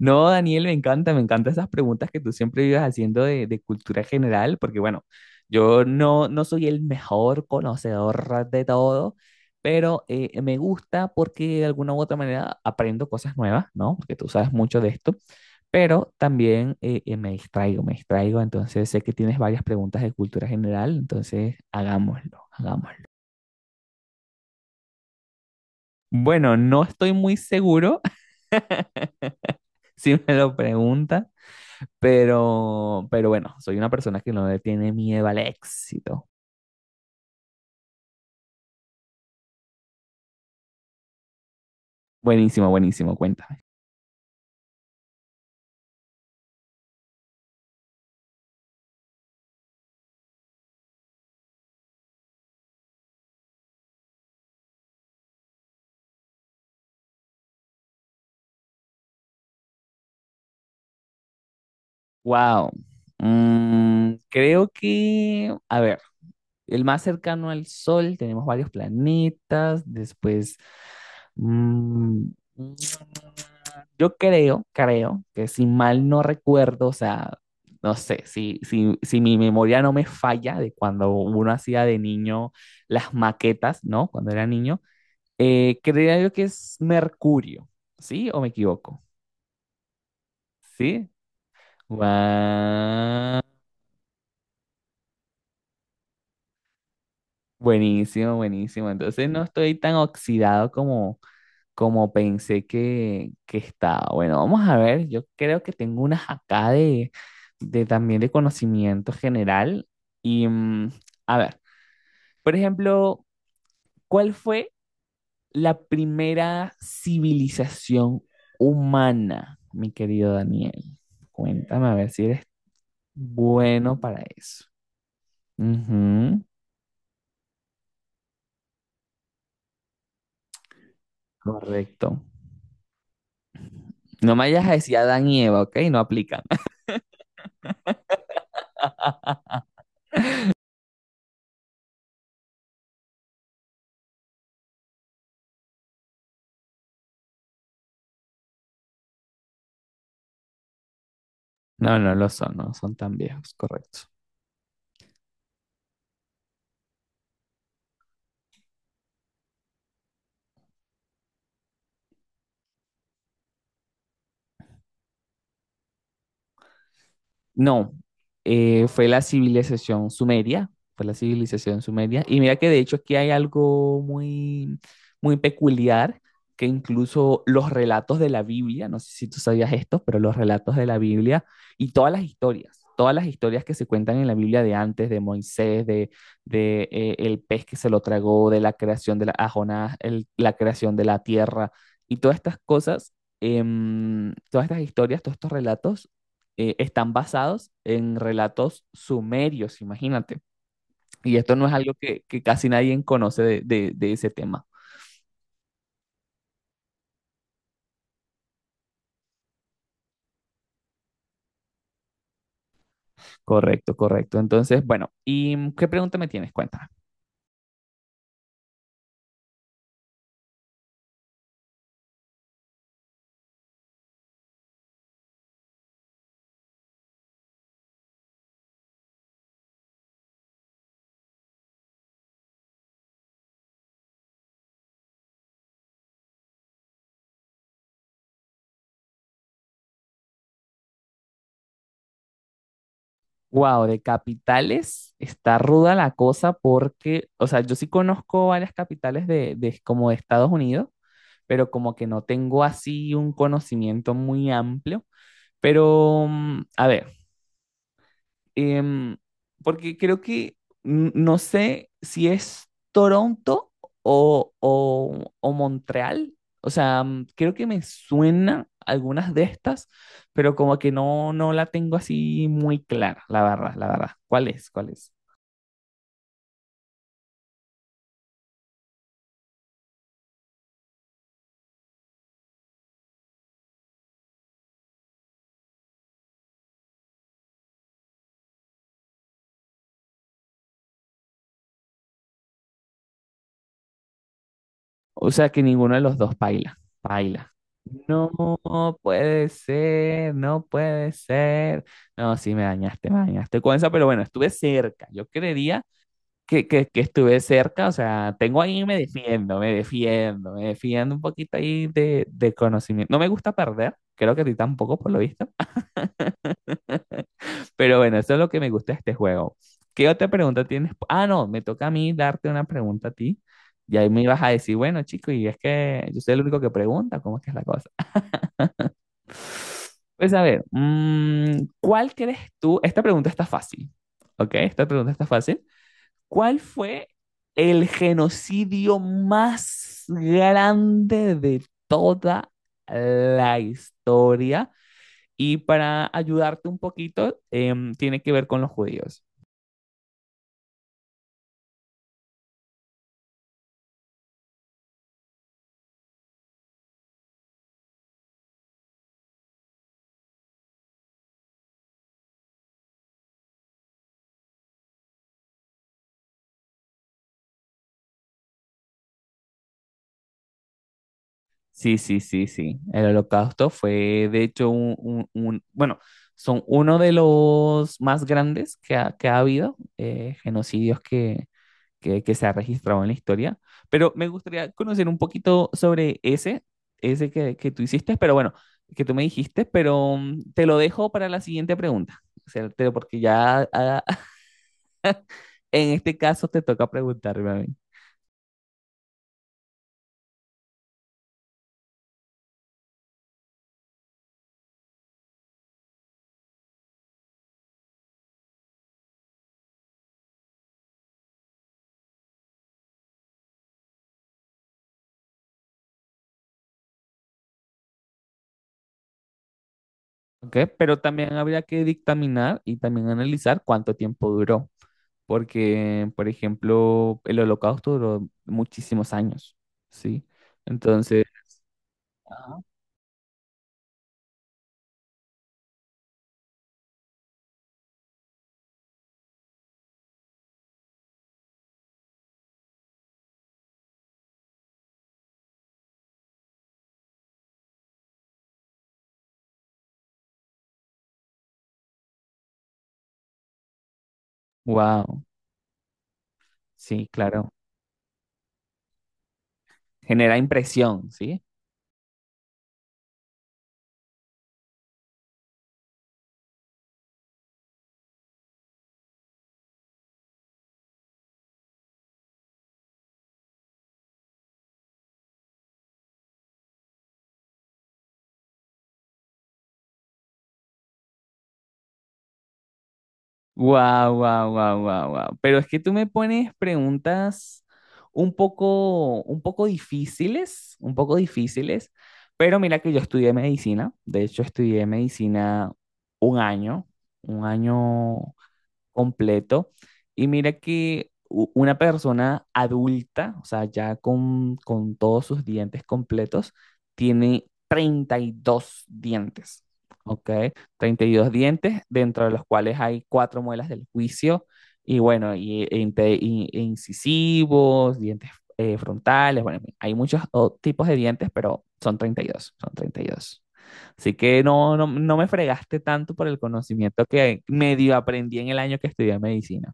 No, Daniel, me encantan esas preguntas que tú siempre vives haciendo de cultura general, porque bueno, yo no soy el mejor conocedor de todo, pero me gusta porque de alguna u otra manera aprendo cosas nuevas, ¿no? Porque tú sabes mucho de esto, pero también me distraigo, entonces sé que tienes varias preguntas de cultura general, entonces hagámoslo, hagámoslo. Bueno, no estoy muy seguro si me lo preguntas. Pero bueno, soy una persona que no le tiene miedo al éxito. Buenísimo, buenísimo, cuéntame. Wow. Mm, creo que, a ver, el más cercano al Sol, tenemos varios planetas, después, mm, yo creo que si mal no recuerdo, o sea, no sé, si mi memoria no me falla de cuando uno hacía de niño las maquetas, ¿no? Cuando era niño. Creía yo que es Mercurio, ¿sí? ¿O me equivoco? ¿Sí? Guau. Buenísimo, buenísimo. Entonces no estoy tan oxidado como, como pensé que estaba. Bueno, vamos a ver. Yo creo que tengo unas acá de también de conocimiento general. Y a ver, por ejemplo, ¿cuál fue la primera civilización humana, mi querido Daniel? Cuéntame a ver si eres bueno para eso. Ujú, correcto. No me vayas a decir Adán y Eva, ¿ok? No aplican. No, no lo son, no son tan viejos, correcto. No, fue la civilización sumeria, fue la civilización sumeria. Y mira que de hecho aquí hay algo muy, muy peculiar, que incluso los relatos de la Biblia, no sé si tú sabías esto, pero los relatos de la Biblia y todas las historias que se cuentan en la Biblia de antes, de Moisés, de el pez que se lo tragó, de la creación de la a Jonás, la creación de la tierra y todas estas cosas. Todas estas historias, todos estos relatos están basados en relatos sumerios, imagínate. Y esto no es algo que casi nadie conoce de ese tema. Correcto, correcto. Entonces, bueno, ¿y qué pregunta me tienes? Cuéntame. Wow, de capitales está ruda la cosa porque, o sea, yo sí conozco varias capitales de como de Estados Unidos, pero como que no tengo así un conocimiento muy amplio. Pero, a ver, Em, porque creo que no sé si es Toronto o, o Montreal. O sea, creo que me suena algunas de estas, pero como que no la tengo así muy clara, la verdad, la verdad. ¿Cuál es? ¿Cuál es? O sea, que ninguno de los dos baila, baila. No puede ser, no puede ser. No, sí, me dañaste con esa, pero bueno, estuve cerca. Yo creería que estuve cerca, o sea, tengo ahí, me defiendo, me defiendo, me defiendo un poquito ahí de conocimiento. No me gusta perder, creo que a ti tampoco por lo visto, pero bueno, eso es lo que me gusta de este juego. ¿Qué otra pregunta tienes? Ah, no, me toca a mí darte una pregunta a ti. Y ahí me ibas a decir, bueno, chico, y es que yo soy el único que pregunta, ¿cómo es que es la cosa? Pues a ver, ¿cuál crees tú? Esta pregunta está fácil, ¿ok? Esta pregunta está fácil. ¿Cuál fue el genocidio más grande de toda la historia? Y para ayudarte un poquito, tiene que ver con los judíos. Sí, sí, sí, sí. El holocausto fue, de hecho, bueno, son uno de los más grandes que ha habido, genocidios que se ha registrado en la historia, pero me gustaría conocer un poquito sobre ese, ese que tú hiciste, pero bueno, que tú me dijiste, pero te lo dejo para la siguiente pregunta, o sea, porque ya ah, en este caso te toca preguntarme a mí, ¿ok? Pero también habría que dictaminar y también analizar cuánto tiempo duró, porque, por ejemplo, el Holocausto duró muchísimos años, ¿sí? Entonces, wow, sí, claro, genera impresión, ¿sí? Wow, wow, wow, wow, wow. Pero es que tú me pones preguntas un poco difíciles, un poco difíciles. Pero mira que yo estudié medicina. De hecho, estudié medicina un año, un año completo. Y mira que una persona adulta, o sea, ya con todos sus dientes completos, tiene 32 dientes, ¿ok? 32 dientes, dentro de los cuales hay cuatro muelas del juicio, y bueno, e incisivos, dientes frontales, bueno, en fin, hay muchos tipos de dientes, pero son 32, son treinta y dos. Así que no, no, no me fregaste tanto por el conocimiento que medio aprendí en el año que estudié medicina.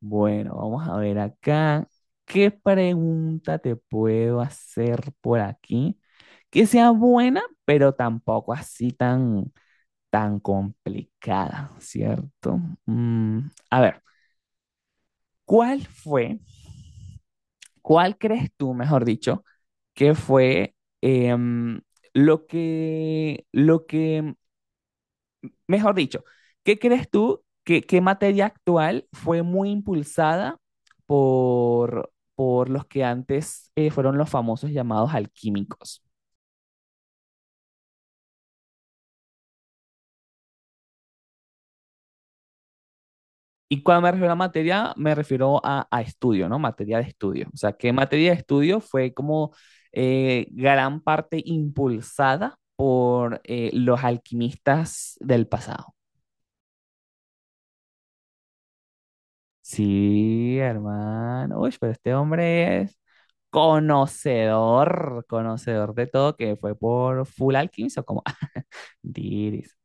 Bueno, vamos a ver acá. ¿Qué pregunta te puedo hacer por aquí? Que sea buena, pero tampoco así tan, tan complicada, ¿cierto? A ver, ¿cuál fue, cuál crees tú, mejor dicho, que fue em, lo que, lo que. Mejor dicho, ¿qué crees tú que qué materia actual fue muy impulsada por los que antes fueron los famosos llamados alquímicos? Y cuando me refiero a materia, me refiero a estudio, ¿no? Materia de estudio. O sea, ¿qué materia de estudio fue como gran parte impulsada por los alquimistas del pasado? Sí, hermano. Uy, pero este hombre es conocedor, conocedor de todo, que fue por Full Alchemist o como Diris.